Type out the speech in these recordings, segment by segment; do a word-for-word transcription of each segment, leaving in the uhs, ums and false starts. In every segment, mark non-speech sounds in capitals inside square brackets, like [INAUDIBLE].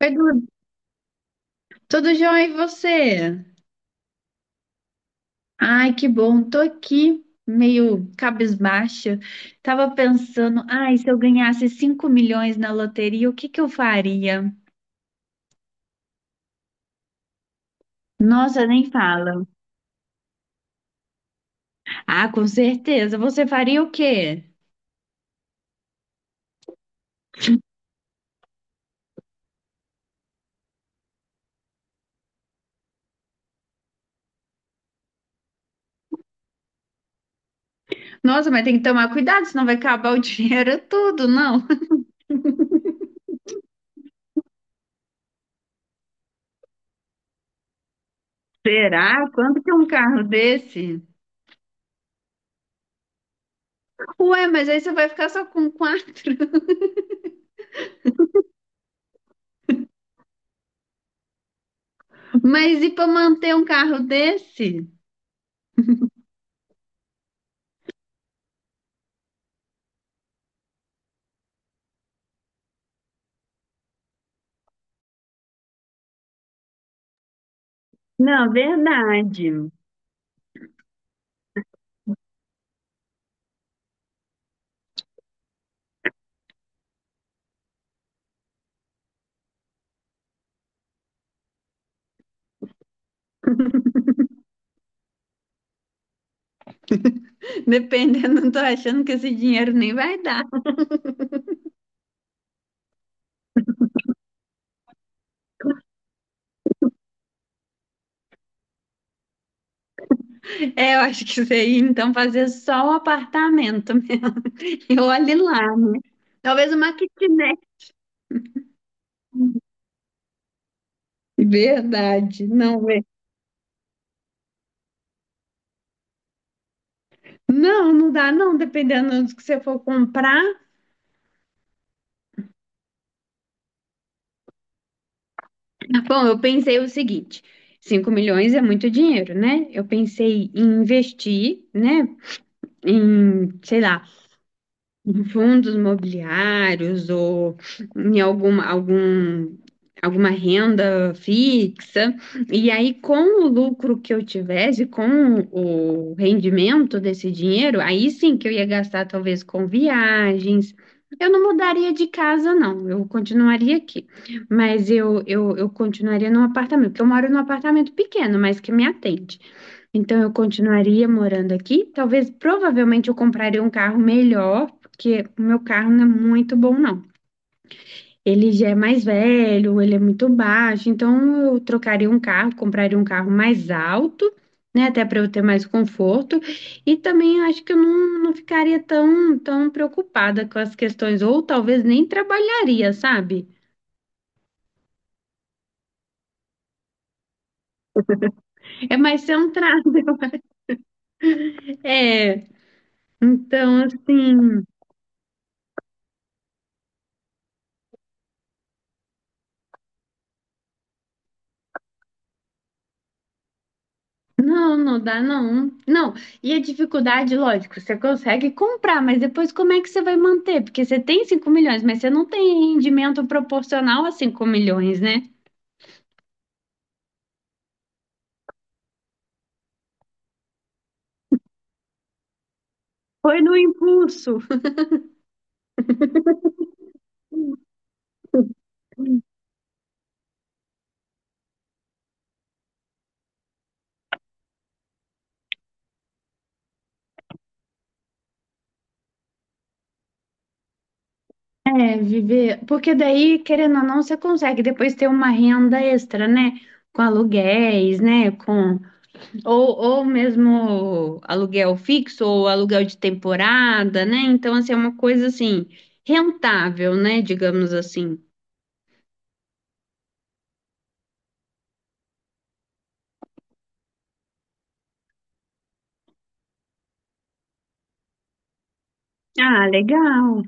Oi, Dudu. Tudo jóia e você? Ai, que bom. Tô aqui meio cabisbaixa. Tava pensando, ai, se eu ganhasse cinco milhões na loteria, o que que eu faria? Nossa, nem fala. Ah, com certeza. Você faria o quê? Nossa, mas tem que tomar cuidado, senão vai acabar o [LAUGHS] dinheiro tudo, não? Será? Quanto que é um carro desse? Ué, mas aí você vai ficar só com quatro. [LAUGHS] Mas e para manter um carro desse? Não, verdade. Dependendo, não tô achando que esse dinheiro nem vai dar. É, eu acho que isso aí, então fazer só o apartamento. [LAUGHS] E olhe lá, né? Talvez uma kitnet. Verdade, não é. Não, não dá, não, dependendo do que você for comprar. Bom, eu pensei o seguinte: cinco milhões é muito dinheiro, né? Eu pensei em investir, né? Em, sei lá, em fundos imobiliários ou em alguma, algum, alguma renda fixa. E aí, com o lucro que eu tivesse, com o rendimento desse dinheiro, aí sim que eu ia gastar talvez com viagens. Eu não mudaria de casa, não. Eu continuaria aqui. Mas eu, eu, eu continuaria num apartamento, porque eu moro num apartamento pequeno, mas que me atende. Então eu continuaria morando aqui. Talvez, provavelmente, eu compraria um carro melhor, porque o meu carro não é muito bom, não. Ele já é mais velho, ele é muito baixo, então eu trocaria um carro, compraria um carro mais alto, né, até para eu ter mais conforto. E também acho que eu não, não ficaria tão, tão preocupada com as questões, ou talvez nem trabalharia, sabe? É mais ser um trabalho. [LAUGHS] É, então assim. Não, não dá não. Não, e a dificuldade, lógico, você consegue comprar, mas depois como é que você vai manter? Porque você tem cinco milhões, mas você não tem rendimento proporcional a cinco milhões, né? Foi no impulso. É, viver. Porque daí, querendo ou não, você consegue depois ter uma renda extra, né? Com aluguéis, né? Com... Ou, ou mesmo aluguel fixo ou aluguel de temporada, né? Então, assim, é uma coisa assim, rentável, né? Digamos assim. Ah, legal.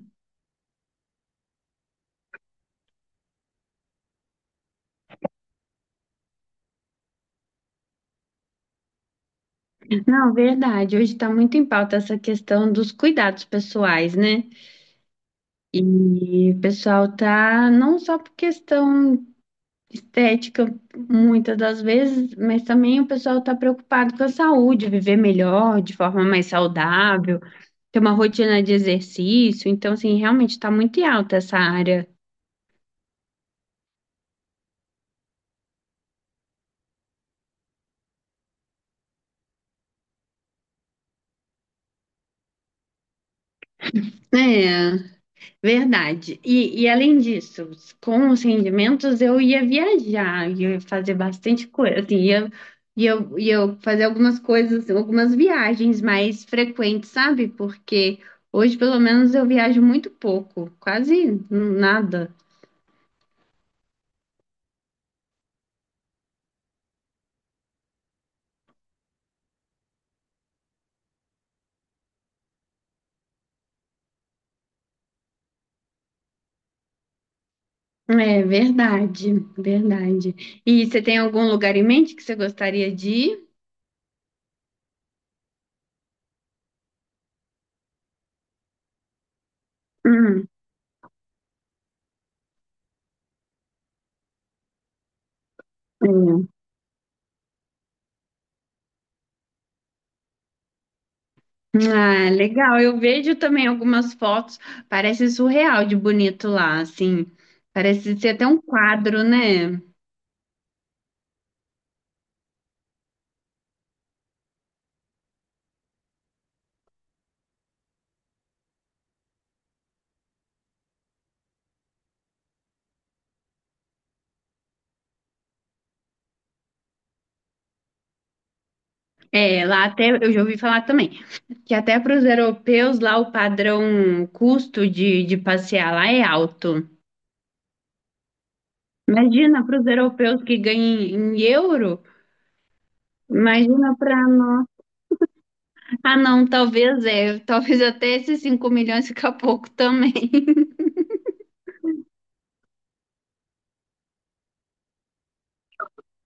Não, verdade. Hoje está muito em pauta essa questão dos cuidados pessoais, né? E o pessoal tá não só por questão estética, muitas das vezes, mas também o pessoal está preocupado com a saúde, viver melhor, de forma mais saudável, ter uma rotina de exercício. Então, assim, realmente está muito em alta essa área, né? Verdade. E, e além disso, com os rendimentos eu ia viajar, ia fazer bastante coisa, assim, ia, ia, ia fazer algumas coisas, algumas viagens mais frequentes, sabe? Porque hoje, pelo menos, eu viajo muito pouco, quase nada. É verdade, verdade. E você tem algum lugar em mente que você gostaria de ir? Hum. Ah, legal. Eu vejo também algumas fotos, parece surreal de bonito lá, assim. Parece ser até um quadro, né? É, lá até eu já ouvi falar também que até para os europeus lá o padrão custo de, de passear lá é alto. Imagina para os europeus que ganham em, em euro. Imagina para nós. Ah, não, talvez é, talvez até esses cinco milhões fica pouco também.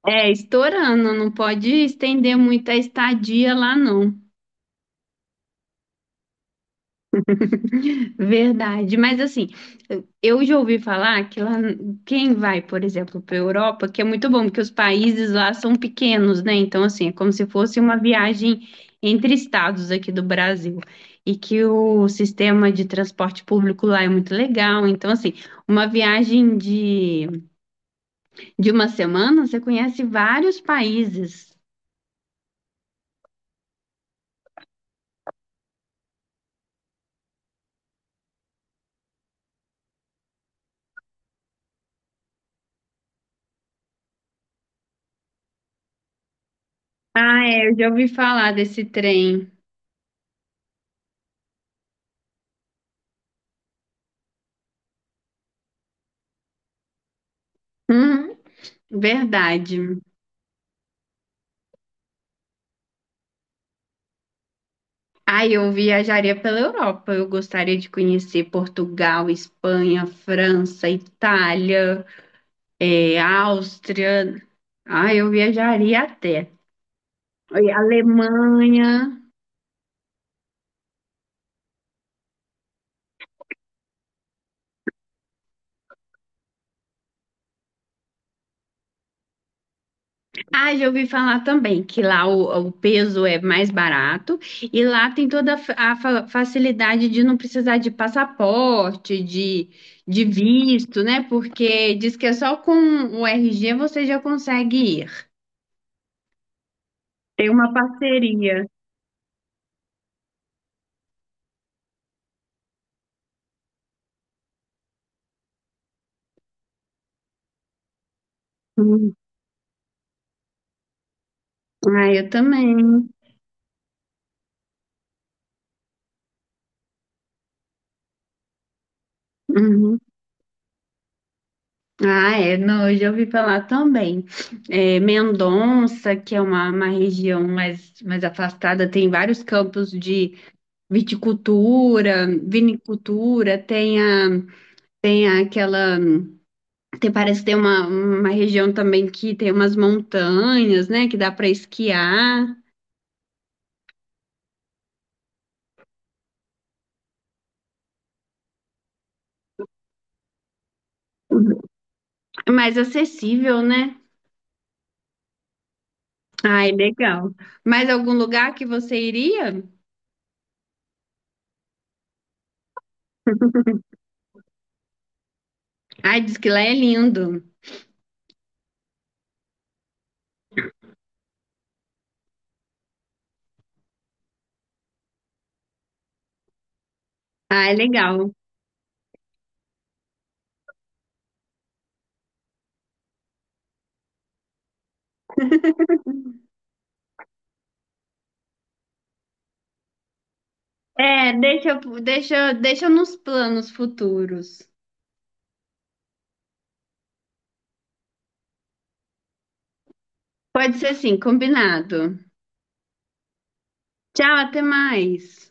É, estourando, não pode estender muito a estadia lá, não. Verdade, mas assim, eu já ouvi falar que lá, quem vai, por exemplo, para a Europa, que é muito bom, porque os países lá são pequenos, né? Então, assim, é como se fosse uma viagem entre estados aqui do Brasil. E que o sistema de transporte público lá é muito legal. Então, assim, uma viagem de, de uma semana, você conhece vários países. Ah, é, eu já ouvi falar desse trem. Verdade. Ah, eu viajaria pela Europa. Eu gostaria de conhecer Portugal, Espanha, França, Itália, eh, Áustria. Ah, eu viajaria até. Oi, Alemanha. Ah, já ouvi falar também que lá o, o peso é mais barato e lá tem toda a, fa- a fa- facilidade de não precisar de passaporte, de, de visto, né? Porque diz que é só com o R G você já consegue ir. Tem uma parceria. Ah, eu também. Uhum. Ah, é, não, eu já ouvi falar também. É, Mendonça, que é uma, uma região mais, mais afastada, tem vários campos de viticultura, vinicultura, tem a, tem aquela, tem, parece que tem uma, uma região também que tem umas montanhas, né, que dá para esquiar, é mais acessível, né? Ai, legal. Mais algum lugar que você iria? Ai, diz que lá é lindo. Ai, legal. É, deixa, deixa, deixa nos planos futuros. Pode ser assim, combinado. Tchau, até mais.